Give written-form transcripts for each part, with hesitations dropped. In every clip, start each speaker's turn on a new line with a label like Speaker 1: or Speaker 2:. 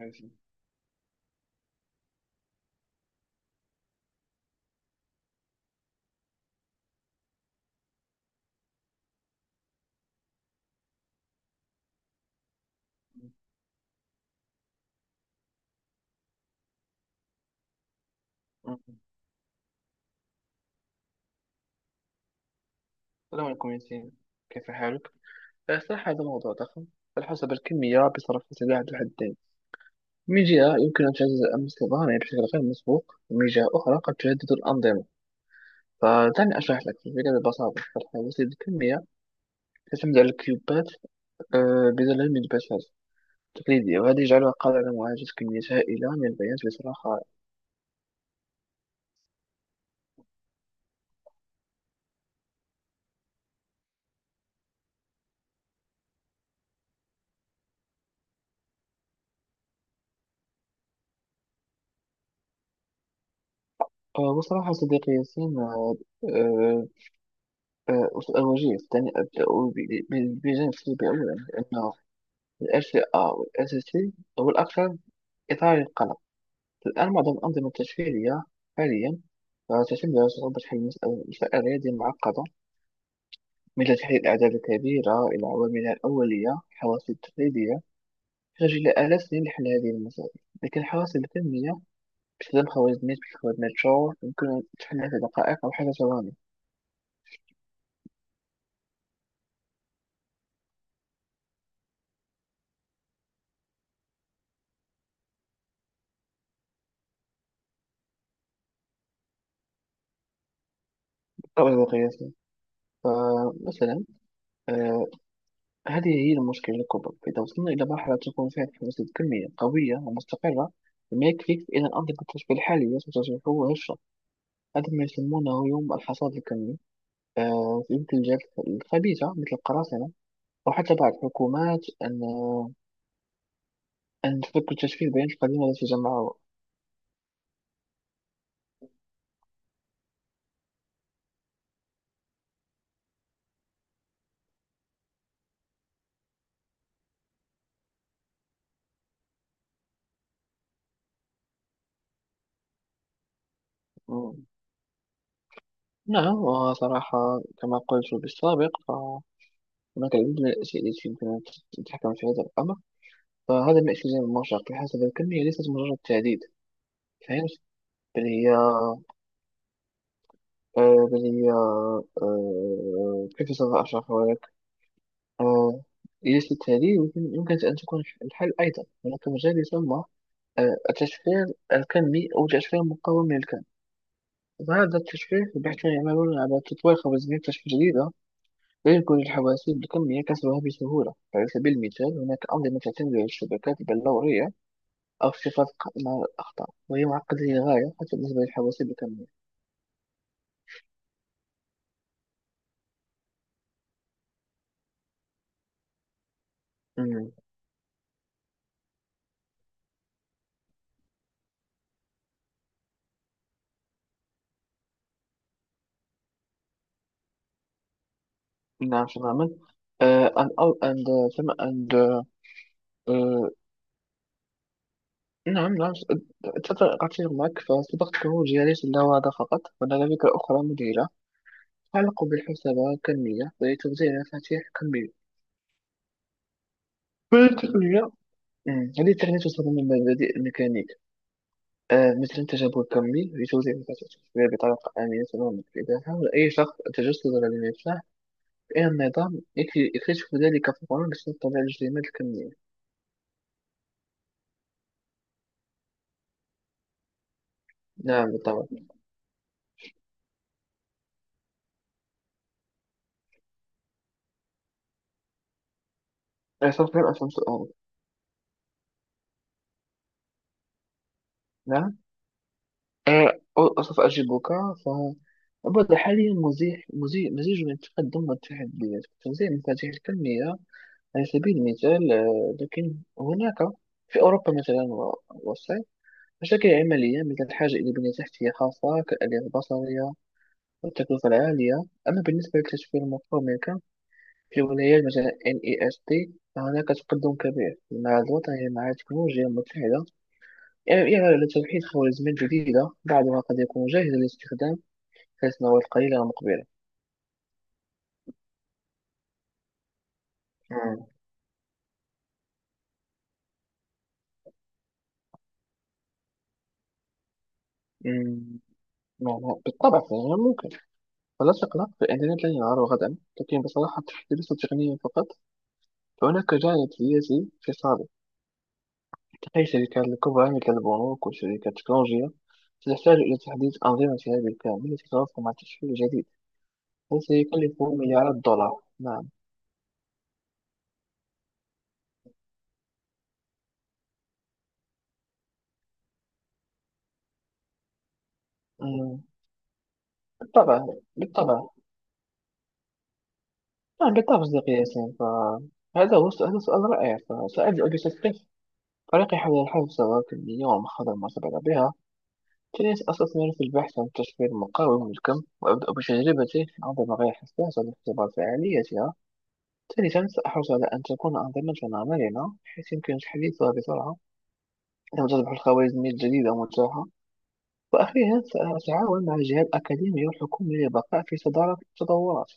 Speaker 1: ماشي. مم. السلام عليكم ياسين، كيف حالك؟ صراحة هذا موضوع ضخم. فالحسب الكمية بصرف سلاح ذو حدين، من جهة يمكن أن تعزز أمن الصيدلاني بشكل غير مسبوق، ومن جهة أخرى قد تهدد الأنظمة. فدعني أشرح لك الفكرة ببساطة. فالحواسيب الكمية تعتمد على الكيوبات بدلا من البشر تقليدية، وهذا يجعلها قادرة على معالجة كميات هائلة من البيانات بصراحة. وصراحة صديقي ياسين، آه، آه، أوجيه دعني أبدأ بجانب سلبي أولا لأنه الأس آه والأساسي والأكثر إثارة للقلق. الآن معظم الأنظمة التشفيرية حاليا تعتمد على صعوبة حل مسألة مسائل رياضية معقدة مثل تحليل الأعداد الكبيرة إلى عواملها الأولية. الحواسيب التقليدية تحتاج إلى آلاف السنين لحل هذه المسائل، لكن الحواسيب الذهنية باستخدام خوارزميات مثل خوارزميات شور يمكن أن تحلها في دقائق أو حتى ثواني قبل القياس. فمثلا هذه هي المشكلة الكبرى. إذا وصلنا إلى مرحلة تكون فيها الحواسيب الكمية قوية ومستقرة ما يكفيك إلى الأنظمة التشبيه الحالية ستشبه هشة. هذا ما يسمونه يوم الحصاد الكمي في يد الجهات الخبيثة مثل القراصنة وحتى بعض الحكومات أن تفك التشبيه بين القديم الذي جمعه. مم. نعم، وصراحة كما قلت بالسابق فهناك العديد من الأشياء التي يمكن أن تتحكم في هذا الأمر. فهذا ما اسمه زي المرشق بحسب الكمية ليست مجرد تعديد. فهمت؟ بل هي بل هي كيف سوف أشرحها. آه، يجلس التالي يمكن أن تكون الحل. أيضا هناك مجال يسمى التشفير الكمي أو تشفير مقاوم للكم. فهذا التشفير الباحثون يعملون على تطوير خوارزمية تشفير جديدة لا يمكن للحواسيب الكمية كسرها بسهولة. على سبيل المثال هناك أنظمة تعتمد على الشبكات البلورية أو اختصاص مع الأخطاء، وهي معقدة للغاية حتى بالنسبة للحواسيب الكمية. أمم، نعم تماما. آه، and, all- and, تم- and uh, نعم، نعم. أتفق معك. فصداقة الوجهة ليس لها هذا فقط، هنالك أخرى مذهلة تعلق بالحسبة كالمية ولتوزيع المفاتيح كالمية. فالتقنية، هذه التقنية تستخدم من مبادئ الميكانيك مثل التجاوب الكمي لتوزيع المفاتيح التشفيرية بطريقة آمنة تماما. إذا حاول أي شخص التجسد على المفتاح فإن النظام يكتشف ذلك فورا بسبب طبيعة الاجتماعات الكمية. نعم بالطبع. سوف أسأل سؤال. نعم. أصف أجيبك. فهو الوضع حاليا مزيج من التقدم والتحديات. توزيع المفاتيح الكمية على سبيل المثال، لكن هناك في أوروبا مثلا والصين مشاكل عملية مثل الحاجة إلى بنية تحتية خاصة كالآلية البصرية والتكلفة العالية. أما بالنسبة للتشفير المطلوب منك في ولايات مثلا NEST، فهناك تقدم كبير مع الوطني مع التكنولوجيا المتحدة. يعني على توحيد خوارزميات جديدة، بعضها قد يكون جاهز للاستخدام حيث نوى القليل المقبلة. مم. مم. نعم، بالطبع فهي ممكن. ولا تقلق، فالإنترنت لن ينهار غدا، لكن بصراحة ليس تقنيا فقط. فهناك جانب سياسي في صالح تقي. الشركات الكبرى مثل البنوك والشركات التكنولوجية ستحتاج إلى تحديث أنظمتها بالكامل التي تتوافق مع التشكيل الجديد. هذا سيكلف مليارات دولار. نعم. مم. بالطبع، بالطبع. نعم بالطبع صديقي ياسين، هذا سؤال رائع. فسأجد فريقي حول الحل ثروات كمية ومخاطر ما سبق بها. جلست أستثمر في البحث عن تشفير مقاوم للكم وأبدأ بتجربته عندما غير حساسة لاختبار فعاليتها. ثالثا سأحرص على أن تكون أنظمتنا مرنة بحيث يمكن تحديثها بسرعة عندما تصبح الخوارزمية الجديدة متاحة. وأخيرا سأتعاون مع الجهات الأكاديمية والحكومية للبقاء في صدارة التطورات.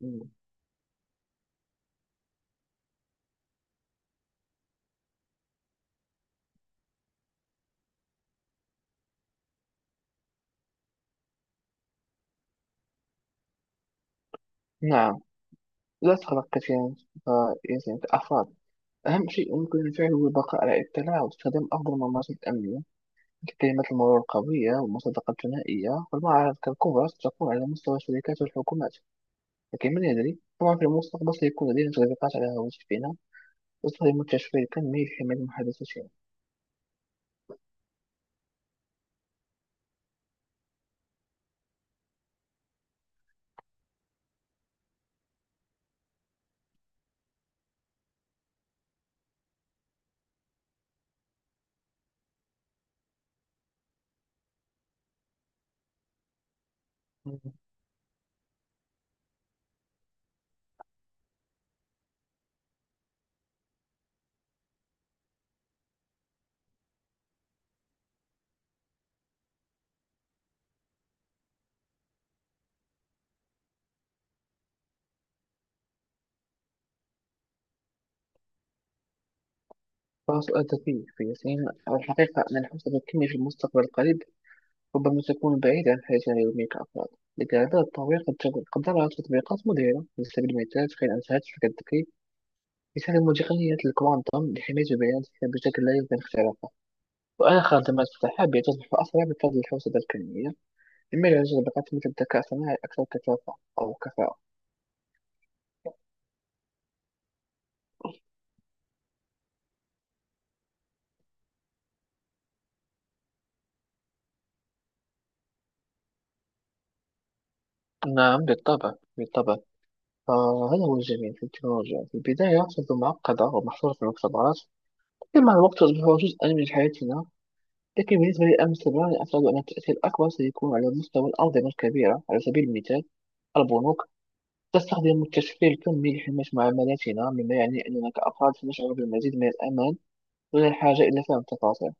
Speaker 1: مم. نعم، لا تقلق كثيرا. فيزن الأفراد أهم شيء يمكن فعله هو البقاء على اطلاع واستخدام أفضل الممارسات الأمنية ككلمة المرور القوية والمصادقة الثنائية. والمعارض كالكبرى ستكون على مستوى الشركات والحكومات. لكن من يدري، طبعا في المستقبل سيكون لدينا تطبيقات على هواتفنا تستخدم التشفير الكمي لحماية محادثاتنا. مم. فسؤال ذكي في ياسين. الحقيقة أن الحوسبة الكمية في المستقبل القريب ربما تكون بعيدة عن حياتنا اليومية كأفراد. لكن التطوير قد نرى تطبيقات مذهلة. على سبيل المثال تخيل أن شركة الذكي يستخدم تقنية الكوانتم لحماية البيانات بشكل لا يمكن اختراقه. وآخر دمج سحابي تصبح أسرع بفضل الحوسبة الكمية، مما يعزز بقات مثل الذكاء الصناعي أكثر كثافة أو كفاءة. نعم بالطبع، بالطبع. فهذا هو الجميل في التكنولوجيا. في البداية تبدو معقدة ومحصورة في المختبرات، لكن مع الوقت تصبح جزءا من حياتنا. لكن بالنسبة للأمن السيبراني أعتقد أن التأثير الأكبر سيكون على مستوى الأنظمة الكبيرة. على سبيل المثال البنوك تستخدم التشفير الكمي لحماية معاملاتنا، مما يعني أننا كأفراد سنشعر بالمزيد من الأمان دون الحاجة إلى فهم التفاصيل.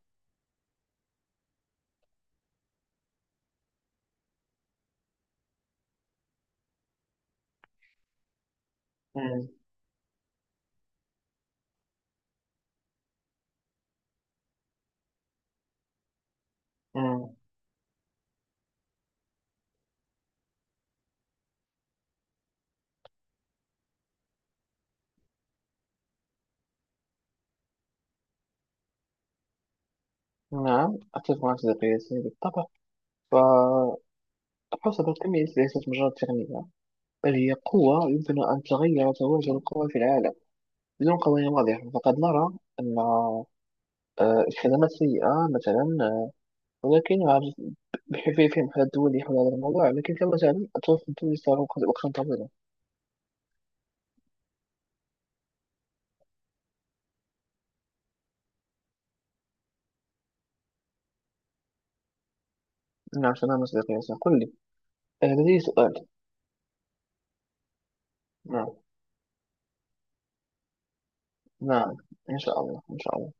Speaker 1: مم. مم. نعم أتفق معك صديقي سامي، بالطبع الحوسبة الكمية ليست مجرد تقنية، بل هي قوة يمكن أن تغير توازن القوى في العالم. بدون قوانين واضحة فقد نرى أن الخدمات سيئة مثلا. ولكن عجز- بحيث في محل دولي حول هذا الموضوع. لكن كما تعلم التوافق الدولي صار وقتا طويلا. نعم تماما صديقي ياسين، قل لي. لدي سؤال. نعم. نعم. إن شاء الله، إن شاء الله.